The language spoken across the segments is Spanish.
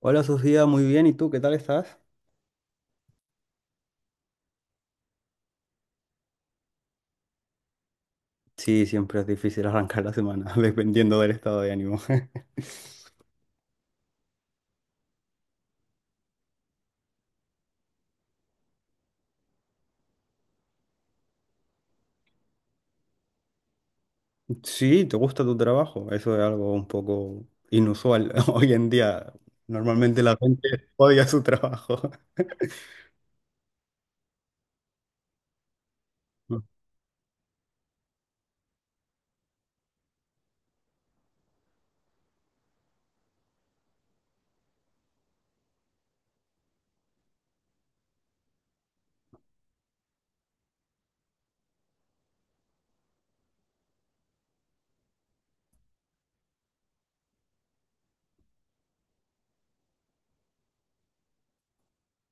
Hola Sofía, muy bien. ¿Y tú qué tal estás? Sí, siempre es difícil arrancar la semana, dependiendo del estado de ánimo. Sí, ¿te gusta tu trabajo? Eso es algo un poco inusual hoy en día. Normalmente la gente odia su trabajo.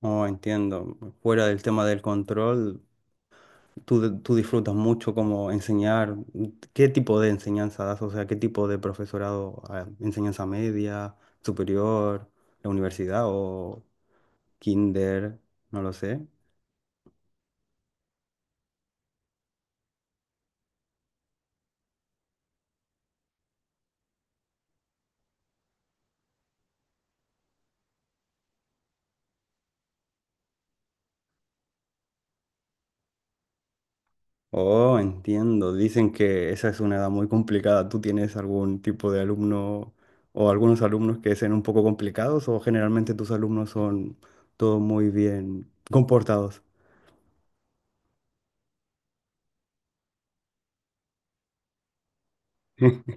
No entiendo. Fuera del tema del control, tú disfrutas mucho como enseñar. ¿Qué tipo de enseñanza das? O sea, ¿qué tipo de profesorado? ¿Enseñanza media, superior, ¿la universidad o...? ¿Kinder? No lo sé. Oh, entiendo. Dicen que esa es una edad muy complicada. ¿Tú tienes algún tipo de alumno o algunos alumnos que sean un poco complicados o generalmente tus alumnos son todos muy bien comportados?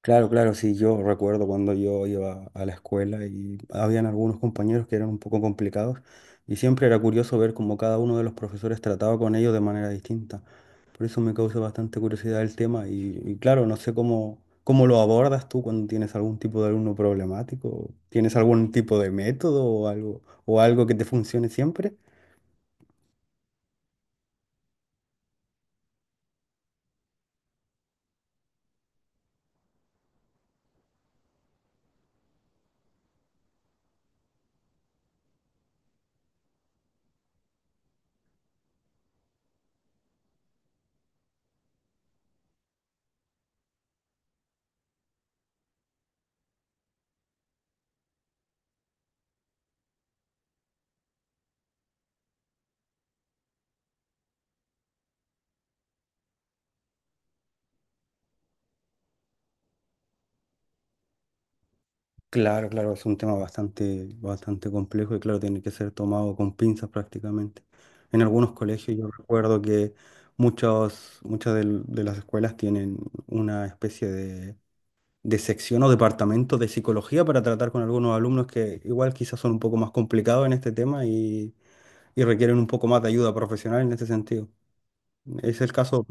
Claro, claro, sí, yo recuerdo cuando yo iba a la escuela y habían algunos compañeros que eran un poco complicados y siempre era curioso ver cómo cada uno de los profesores trataba con ellos de manera distinta. Por eso me causa bastante curiosidad el tema y claro, no sé cómo, cómo lo abordas tú cuando tienes algún tipo de alumno problemático, tienes algún tipo de método o algo que te funcione siempre. Claro, claro, es un tema bastante, bastante complejo y claro, tiene que ser tomado con pinzas prácticamente. En algunos colegios yo recuerdo que muchos, muchas de las escuelas tienen una especie de sección o departamento de psicología para tratar con algunos alumnos que igual quizás son un poco más complicados en este tema y requieren un poco más de ayuda profesional en este sentido. ¿Es el caso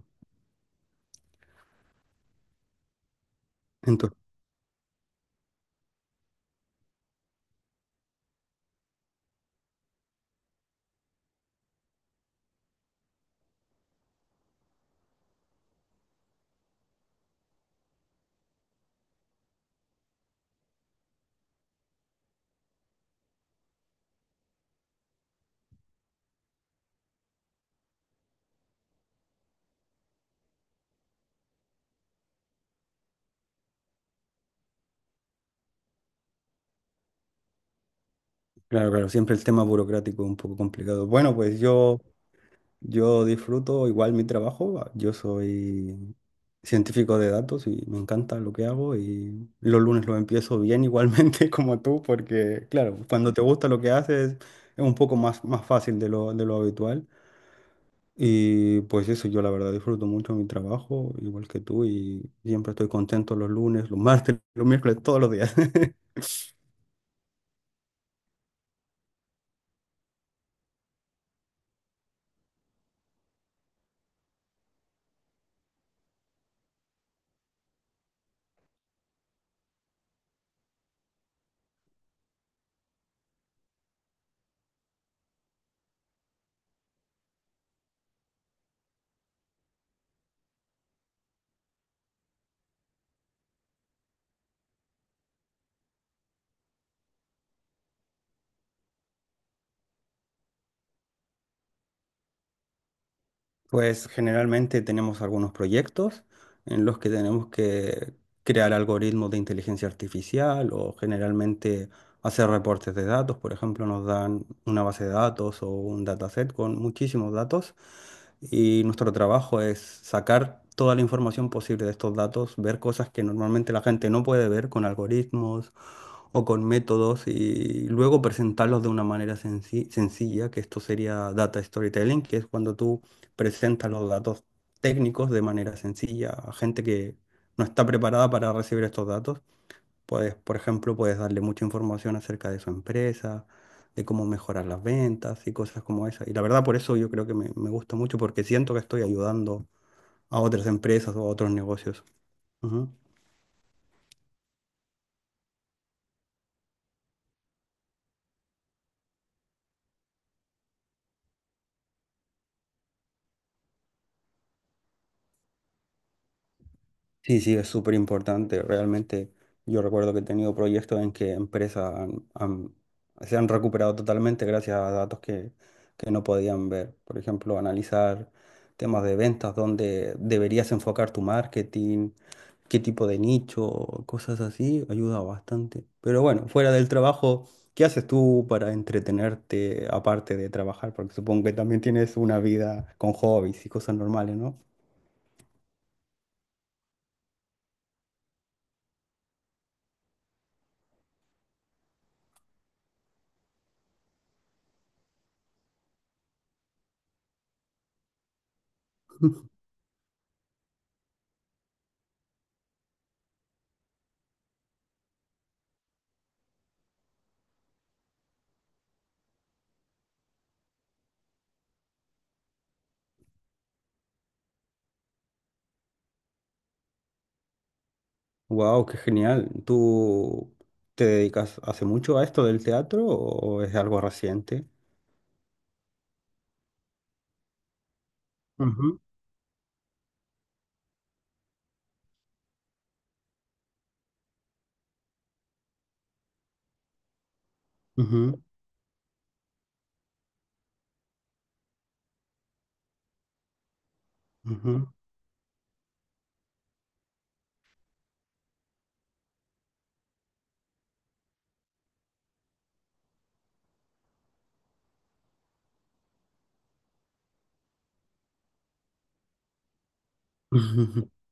en tu-? Claro, claro, siempre el tema burocrático es un poco complicado. Bueno, pues yo... yo disfruto igual mi trabajo. Yo soy científico de datos y me encanta lo que hago y los lunes lo empiezo bien igualmente como tú porque, claro, cuando te gusta lo que haces es un poco más, más fácil de lo habitual. Y pues eso, yo la verdad disfruto mucho mi trabajo, igual que tú, y siempre estoy contento los lunes, los martes, los miércoles, todos los días. Pues generalmente tenemos algunos proyectos en los que tenemos que crear algoritmos de inteligencia artificial o generalmente hacer reportes de datos. Por ejemplo, nos dan una base de datos o un dataset con muchísimos datos y nuestro trabajo es sacar toda la información posible de estos datos, ver cosas que normalmente la gente no puede ver con algoritmos o con métodos y luego presentarlos de una manera sencilla, que esto sería data storytelling, que es cuando tú presenta los datos técnicos de manera sencilla a gente que no está preparada para recibir estos datos. Puedes, por ejemplo, puedes darle mucha información acerca de su empresa, de cómo mejorar las ventas y cosas como esa. Y la verdad, por eso yo creo que me gusta mucho porque siento que estoy ayudando a otras empresas o a otros negocios. Ujú. Sí, sí, es súper importante. Realmente yo recuerdo que he tenido proyectos en que empresas se han recuperado totalmente gracias a datos que no podían ver. Por ejemplo, analizar temas de ventas, dónde deberías enfocar tu marketing, qué tipo de nicho, cosas así, ayuda bastante. Pero bueno, fuera del trabajo, ¿qué haces tú para entretenerte aparte de trabajar? Porque supongo que también tienes una vida con hobbies y cosas normales, ¿no? Wow, qué genial. ¿Tú te dedicas hace mucho a esto del teatro o es algo reciente? Ujú, ujú, ujú, ujú,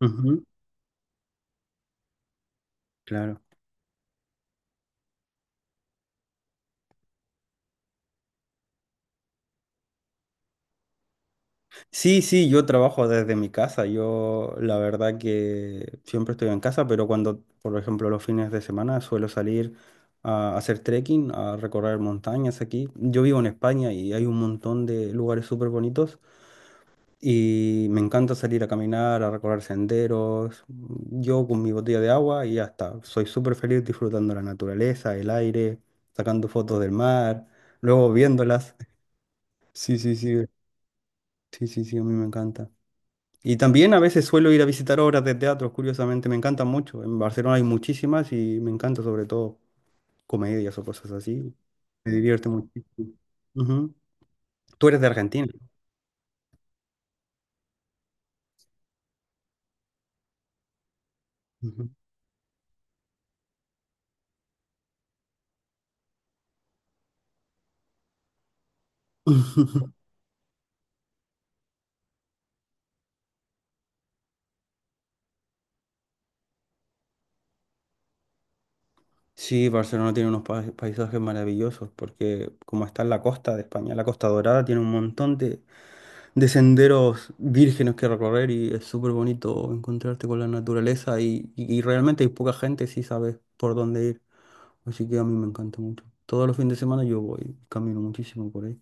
ujú. Claro. Sí, sí, yo trabajo desde mi casa. Yo la verdad que siempre estoy en casa, pero cuando, por ejemplo, los fines de semana suelo salir a hacer trekking, a recorrer montañas aquí. Yo vivo en España y hay un montón de lugares súper bonitos. Y me encanta salir a caminar, a recorrer senderos. Yo con mi botella de agua y ya está. Soy súper feliz disfrutando la naturaleza, el aire, sacando fotos del mar, luego viéndolas. Sí, sí, sí. Sí, sí, sí, a mí me encanta. Y también a veces suelo ir a visitar obras de teatro, curiosamente, me encantan mucho. En Barcelona hay muchísimas y me encanta sobre todo comedias o cosas así. Me divierte muchísimo. Ujú. Tú eres de Argentina. Ujú. Sí, Barcelona tiene unos paisajes maravillosos porque como está en la costa de España, la Costa Dorada tiene un montón de senderos vírgenes que recorrer y es súper bonito encontrarte con la naturaleza y realmente hay poca gente si sabes por dónde ir. Así que a mí me encanta mucho. Todos los fines de semana yo voy, camino muchísimo por ahí.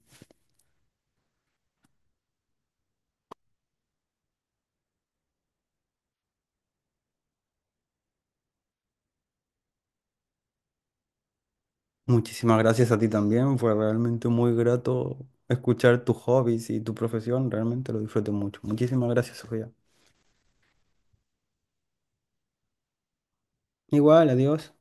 Muchísimas gracias a ti también, fue realmente muy grato escuchar tus hobbies y tu profesión, realmente lo disfruté mucho. Muchísimas gracias, Sofía. Igual, adiós.